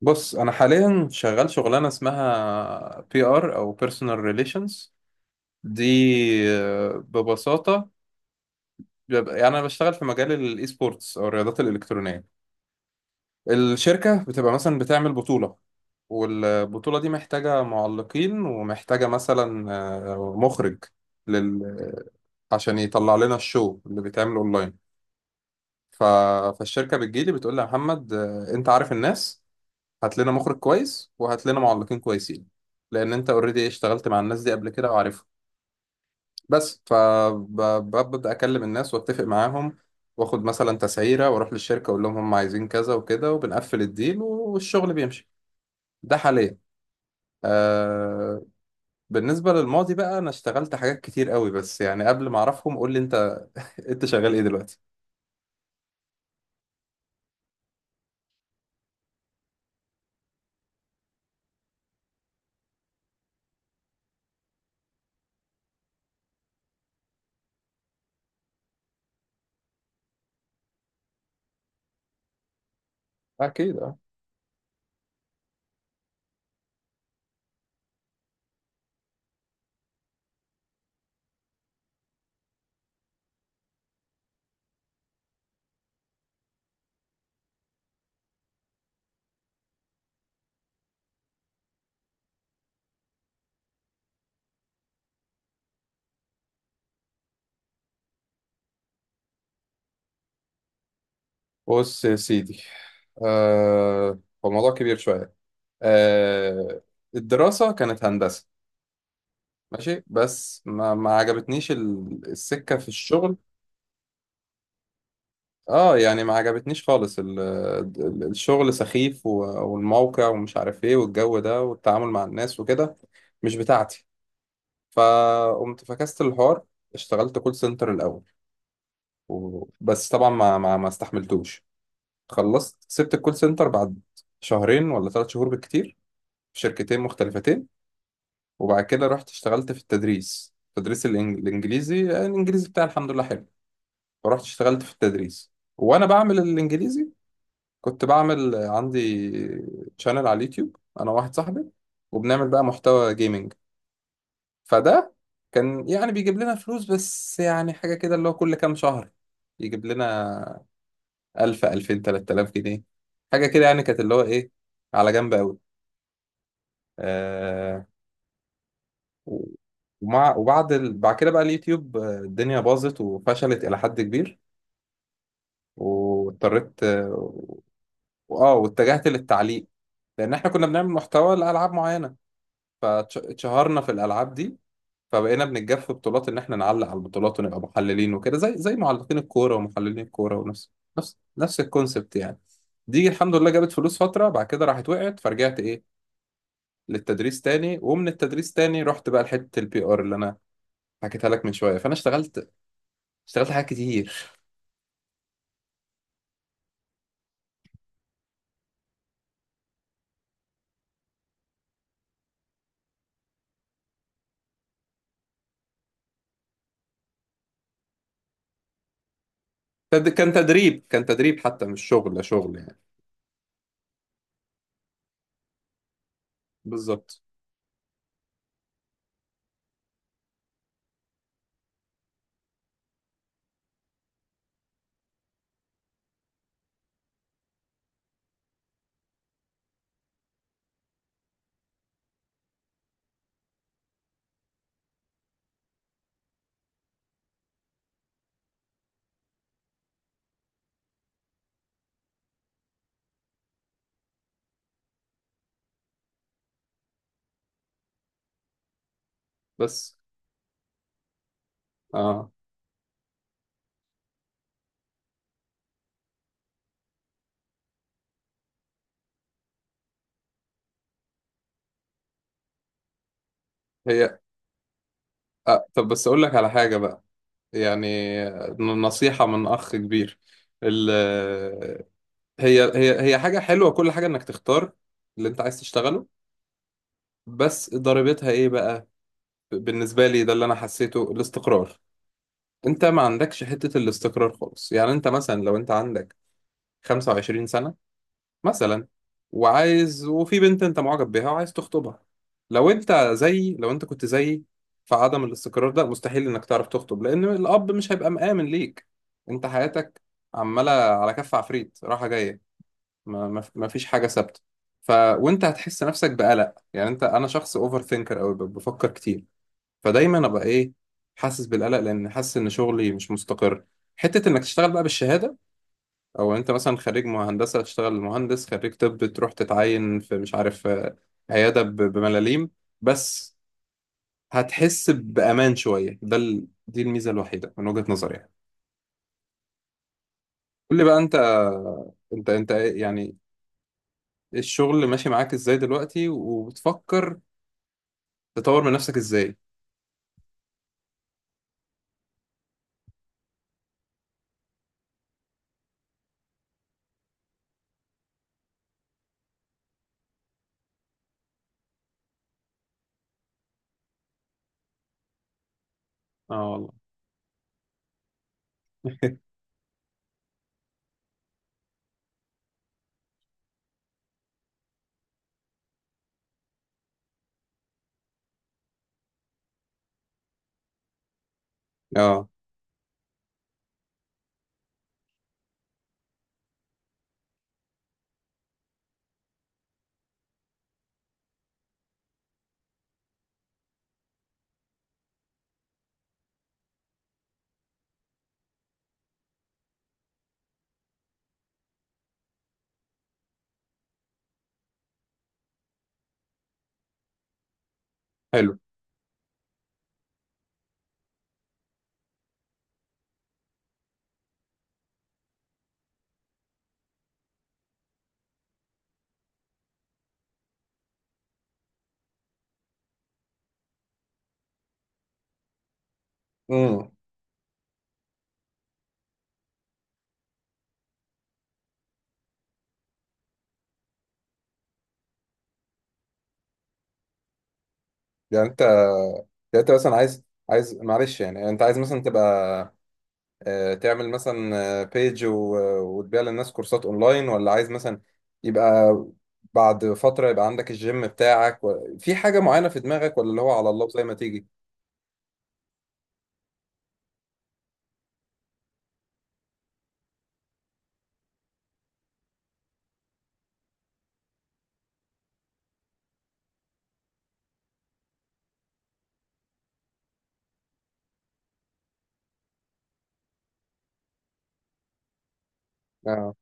بص، انا حاليا شغال شغلانه اسمها بي ار او بيرسونال ريليشنز دي. ببساطه يعني انا بشتغل في مجال الاي سبورتس او الرياضات الالكترونيه. الشركه بتبقى مثلا بتعمل بطوله، والبطوله دي محتاجه معلقين ومحتاجه مثلا مخرج لل عشان يطلع لنا الشو اللي بيتعمل اونلاين. ف... فالشركه بتجيلي بتقول لي يا محمد، انت عارف الناس، هات لنا مخرج كويس وهات لنا معلقين كويسين لان انت اوريدي اشتغلت مع الناس دي قبل كده وعارفهم. بس فببدا اكلم الناس واتفق معاهم، واخد مثلا تسعيره واروح للشركه اقول لهم هم عايزين كذا وكده، وبنقفل الديل والشغل بيمشي. ده حاليا. آه بالنسبه للماضي بقى، انا اشتغلت حاجات كتير قوي، بس يعني قبل ما اعرفهم قول لي انت، انت شغال ايه دلوقتي؟ اكيد اه. بص يا سيدي، آه هو الموضوع كبير شويه. آه الدراسه كانت هندسه، ماشي، بس ما عجبتنيش السكة في الشغل. اه يعني ما عجبتنيش خالص الشغل سخيف والموقع ومش عارف ايه والجو ده والتعامل مع الناس وكده، مش بتاعتي. فقمت فكست الحوار، اشتغلت كول سنتر الأول، بس طبعا ما استحملتوش. خلصت سبت الكول سنتر بعد شهرين ولا ثلاث شهور بالكتير، في شركتين مختلفتين. وبعد كده رحت اشتغلت في التدريس، تدريس الإنجليزي. الإنجليزي بتاعي الحمد لله حلو، فرحت اشتغلت في التدريس. وانا بعمل الانجليزي، كنت بعمل عندي شانل على اليوتيوب انا واحد صاحبي، وبنعمل بقى محتوى جيمنج. فده كان يعني بيجيب لنا فلوس، بس يعني حاجة كده، اللي هو كل كام شهر يجيب لنا ألف ألفين تلات آلاف جنيه، حاجة كده يعني، كانت اللي هو إيه، على جنب أوي. آه و- ومع وبعد ال... بعد كده بقى اليوتيوب، الدنيا باظت وفشلت إلى حد كبير، واضطريت واتجهت للتعليق لان احنا كنا بنعمل محتوى لالعاب معينه، فاتشهرنا في الالعاب دي، فبقينا بنتجاب في بطولات ان احنا نعلق على البطولات ونبقى محللين وكده، زي زي معلقين الكوره ومحللين الكوره، ونفس نفس الكونسبت يعني. دي الحمد لله جابت فلوس فتره، بعد كده راحت وقعت، فرجعت ايه للتدريس تاني، ومن التدريس تاني رحت بقى لحته البي ار اللي انا حكيتها لك من شويه. فانا اشتغلت، اشتغلت حاجات كتير. كان تدريب، كان تدريب حتى مش شغل شغل يعني. بالظبط. بس اه. هي أه، طب بس أقول لك على حاجة بقى، يعني نصيحة من أخ كبير. ال هي حاجة حلوة كل حاجة إنك تختار اللي أنت عايز تشتغله، بس ضريبتها إيه بقى؟ بالنسبة لي ده اللي أنا حسيته، الاستقرار. أنت ما عندكش حتة الاستقرار خالص، يعني أنت مثلا لو أنت عندك 25 سنة مثلا، وعايز، وفي بنت انت معجب بيها وعايز تخطبها، لو انت زي، لو انت كنت زيي، فعدم الاستقرار ده مستحيل انك تعرف تخطب، لان الاب مش هيبقى مآمن ليك. انت حياتك عمالة على كف عفريت، رايحة جاية، ما فيش حاجة ثابتة. ف وانت هتحس نفسك بقلق، يعني انت، انا شخص اوفر ثينكر قوي، بفكر كتير، فدايما ابقى ايه، حاسس بالقلق لان حاسس ان شغلي مش مستقر. حتة انك تشتغل بقى بالشهادة، او انت مثلا خريج هندسه تشتغل مهندس، خريج طب تروح تتعين في مش عارف عياده بملاليم، بس هتحس بامان شويه. دي الميزه الوحيده من وجهه نظري يعني. قول لي بقى انت، انت يعني إيه الشغل ماشي معاك ازاي دلوقتي، وبتفكر تطور من نفسك ازاي؟ اه والله. اه حلو. امم، يعني انت، يعني انت مثلا عايز، عايز، معلش، يعني انت عايز مثلا تبقى تعمل مثلا بيج وتبيع للناس كورسات اونلاين، ولا عايز مثلا يبقى بعد فترة يبقى عندك الجيم بتاعك و... في حاجة معينة في دماغك، ولا اللي هو على الله زي ما تيجي؟ اه.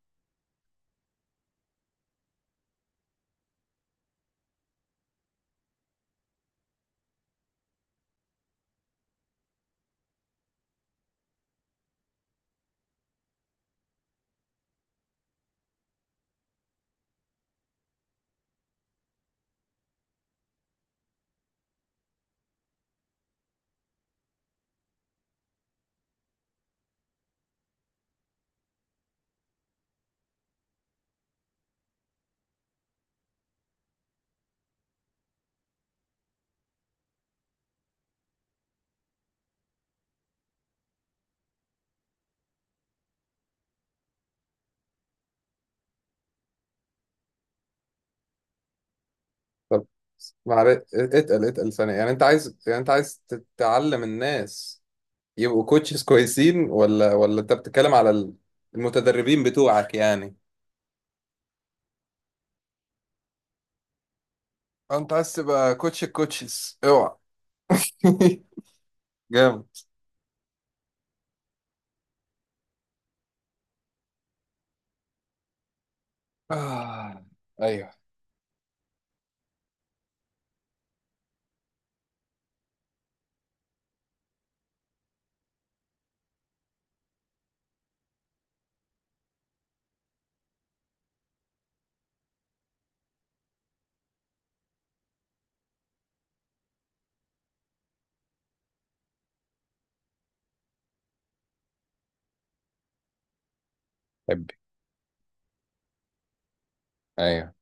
طب معلش، اتقل اتقل ثانية، يعني انت عايز، يعني انت عايز تتعلم الناس يبقوا كوتشز كويسين، ولا انت بتتكلم على المتدربين بتوعك يعني؟ انت عايز تبقى كوتش الكوتشز، اوعى! جامد. آه. ايوه. حبي. ايوه.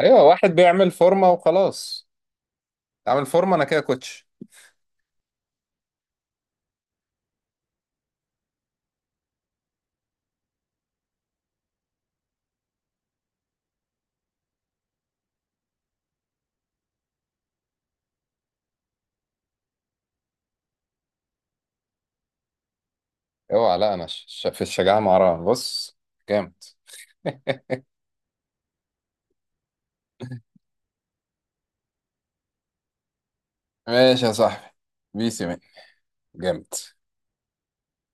ايوه، واحد بيعمل فورمه وخلاص، اعمل فورمه انا كده كوتش. اوعى، لا، انا في الشجاعه مع رامي. بص، جامد. ماشي يا صاحبي، بيسي مين. جامد.